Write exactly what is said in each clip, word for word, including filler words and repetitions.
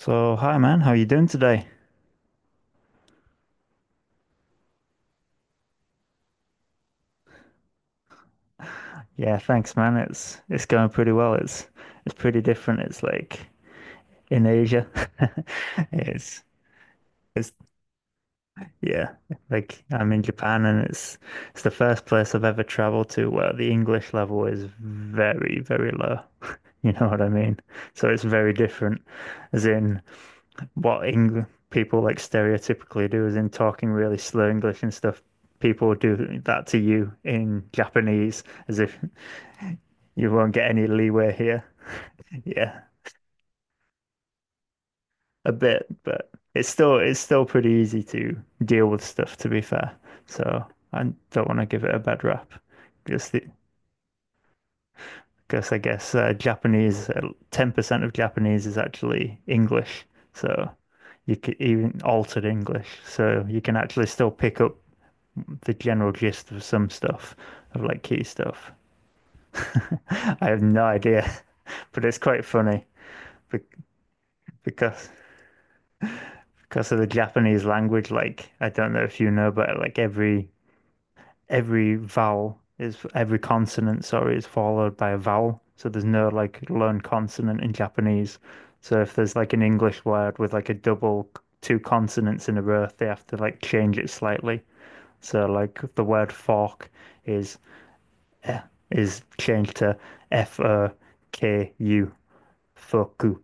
So, hi man, how are you doing today? Yeah, thanks man. It's it's going pretty well. It's it's pretty different. It's like in Asia. It's it's yeah, like I'm in Japan and it's it's the first place I've ever traveled to where the English level is very, very low. You know what I mean? So it's very different, as in what Eng people like stereotypically do, as in talking really slow English and stuff. People do that to you in Japanese as if you won't get any leeway here. Yeah, a bit, but it's still it's still pretty easy to deal with stuff, to be fair. So I don't want to give it a bad rap. Just the, because I guess uh, Japanese, uh, ten percent of Japanese is actually English. So you can even altered English. So you can actually still pick up the general gist of some stuff, of like key stuff. I have no idea, but it's quite funny. be- Because Because of the Japanese language, like I don't know if you know, but like every every vowel is every consonant, sorry, is followed by a vowel. So there's no like lone consonant in Japanese. So if there's like an English word with like a double two consonants in a row, they have to like change it slightly. So like the word fork is eh, is changed to F O K U, foku,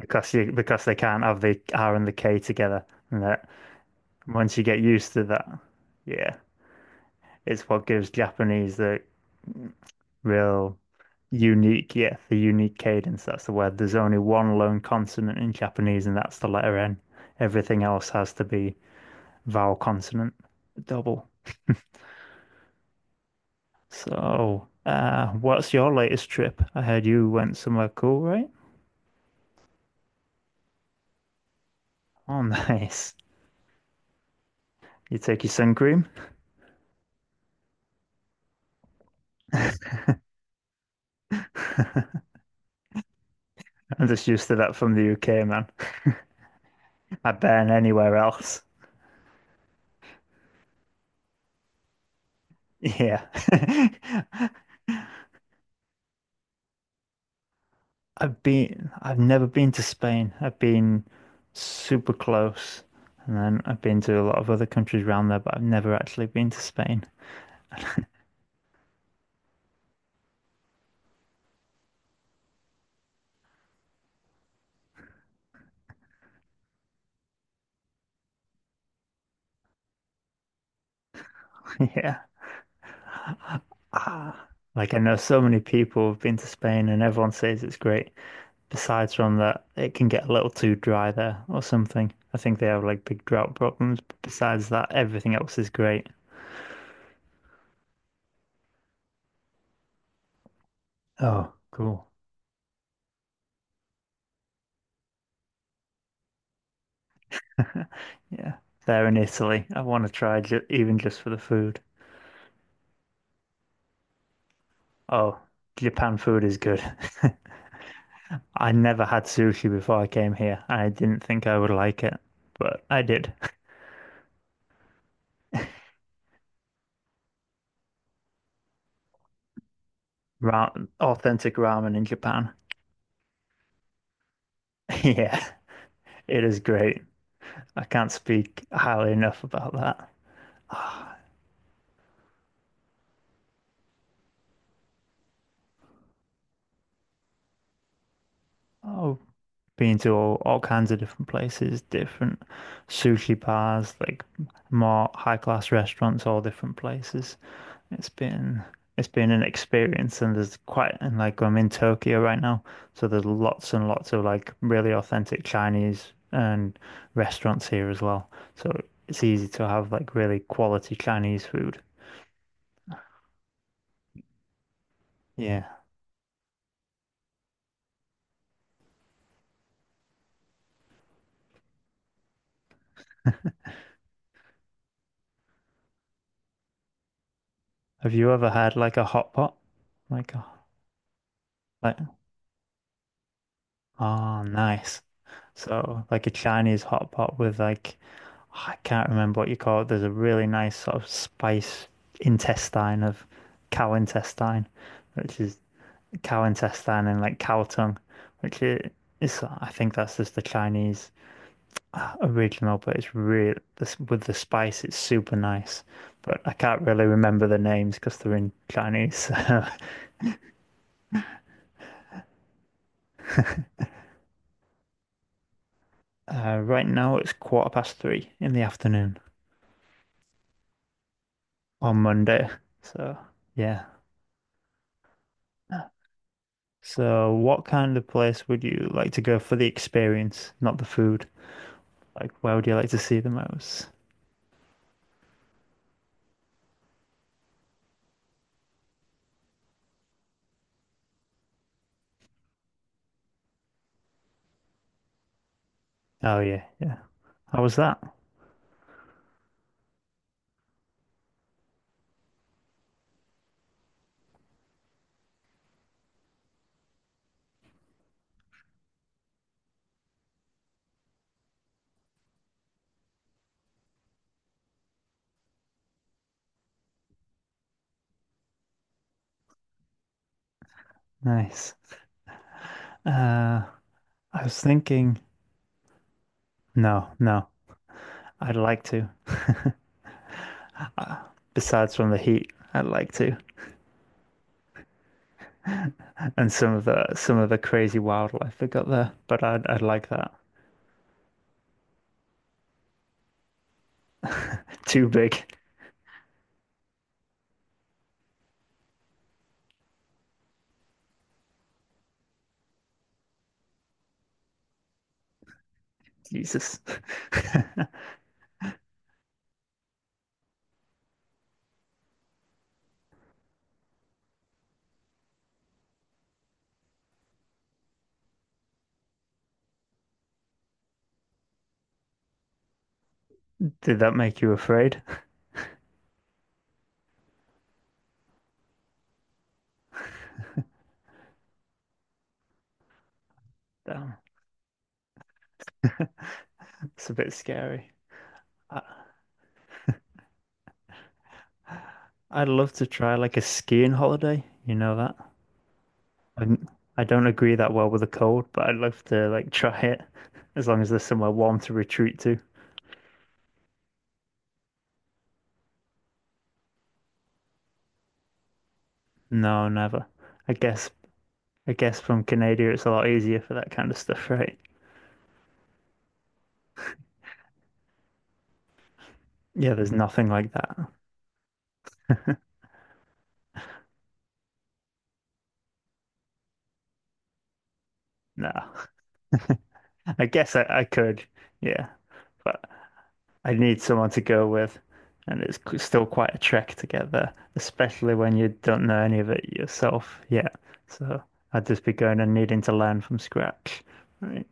because you, because they can't have the R and the K together. And that Once you get used to that, yeah, it's what gives Japanese the real unique, yeah, the unique cadence. That's the word. There's only one lone consonant in Japanese, and that's the letter N. Everything else has to be vowel consonant double. So, uh, what's your latest trip? I heard you went somewhere cool, right? Oh, nice. You take your sun cream? I'm just used to that from the U K, man. I burn anywhere else. Yeah. I've been, I've never been to Spain. I've been super close, and then I've been to a lot of other countries around there, but I've never actually been to Spain. Yeah. Ah, like I know so many people have been to Spain, and everyone says it's great. Besides from that, it can get a little too dry there or something. I think they have like big drought problems. But besides that, everything else is great. Oh, cool. Yeah, there in Italy. I want to try ju even just for the food. Oh, Japan food is good. I never had sushi before I came here, and I didn't think I would like it, but I did. Ra Authentic ramen in Japan. Yeah, it is great. I can't speak highly enough about that. Oh, been to all, all kinds of different places, different sushi bars, like more high class restaurants, all different places. It's been it's been an experience, and there's quite and like I'm in Tokyo right now, so there's lots and lots of like really authentic Chinese and restaurants here as well. So it's easy to have like really quality Chinese food. Yeah. Have you ever had like a hot pot? Like a like oh nice. So like a Chinese hot pot with like I can't remember what you call it. There's a really nice sort of spice intestine of cow intestine, which is cow intestine and like cow tongue, which is I think that's just the Chinese uh, original, but it's really this with the spice, it's super nice. But I can't really remember the names because they're in Chinese. Uh, right now it's quarter past three in the afternoon on Monday. So yeah. So what kind of place would you like to go for the experience, not the food? Like where would you like to see the most? Oh yeah, yeah. How was that? Nice. Uh, I was thinking, no, no, I'd like to. Uh, Besides from the heat, I'd like to, and some of the some of the crazy wildlife we got there. But I'd I'd like that. Too big, Jesus. Did that make you afraid? Damn, it's a bit scary. I, I'd love to try like a skiing holiday. You know that? I'm, I don't agree that well with the cold, but I'd love to like try it as long as there's somewhere warm to retreat to. No, never. I guess I guess from Canada, it's a lot easier for that kind of stuff, right? Yeah, there's nothing like that. No, I guess I, I could, yeah, but I need someone to go with, and it's qu- still quite a trek to get there, especially when you don't know any of it yourself yet. So I'd just be going and needing to learn from scratch, right?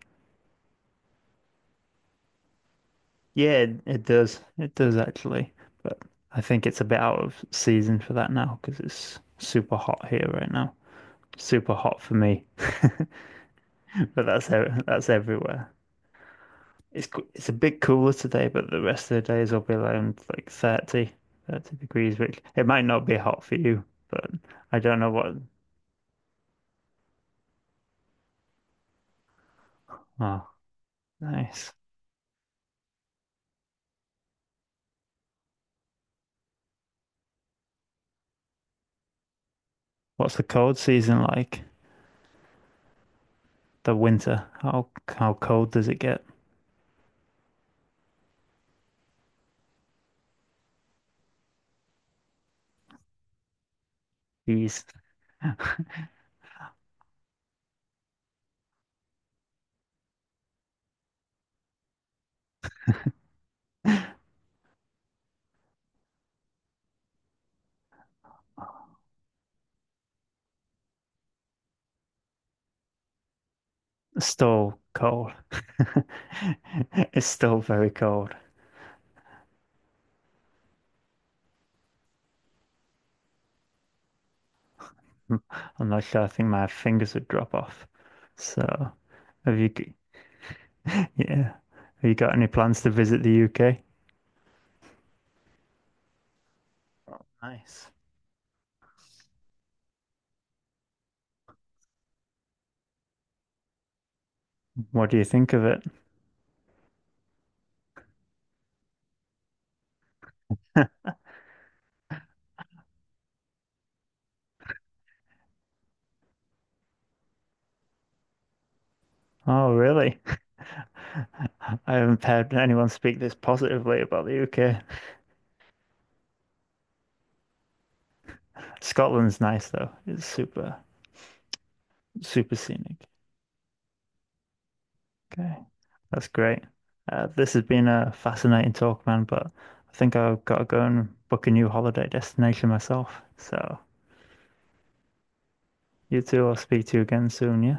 Yeah, it, it does. It does actually, but I think it's a bit out of season for that now because it's super hot here right now. Super hot for me. But that's ev- that's everywhere. It's co- it's a bit cooler today, but the rest of the days will be around like thirty, thirty degrees, which it might not be hot for you, but I don't know what. Oh, nice. What's the cold season like? The winter. How how cold does it get? It's still cold. It's still very cold. I'm not sure. I think my fingers would drop off. So, have you? g- Yeah. Have you got any plans to visit the U K? Nice. What do you think of it? Oh, really? I haven't heard anyone speak this positively about the U K. Scotland's nice though. It's super, super scenic. Okay, that's great. Uh, this has been a fascinating talk, man, but I think I've got to go and book a new holiday destination myself. So you two, I'll speak to you again soon, yeah?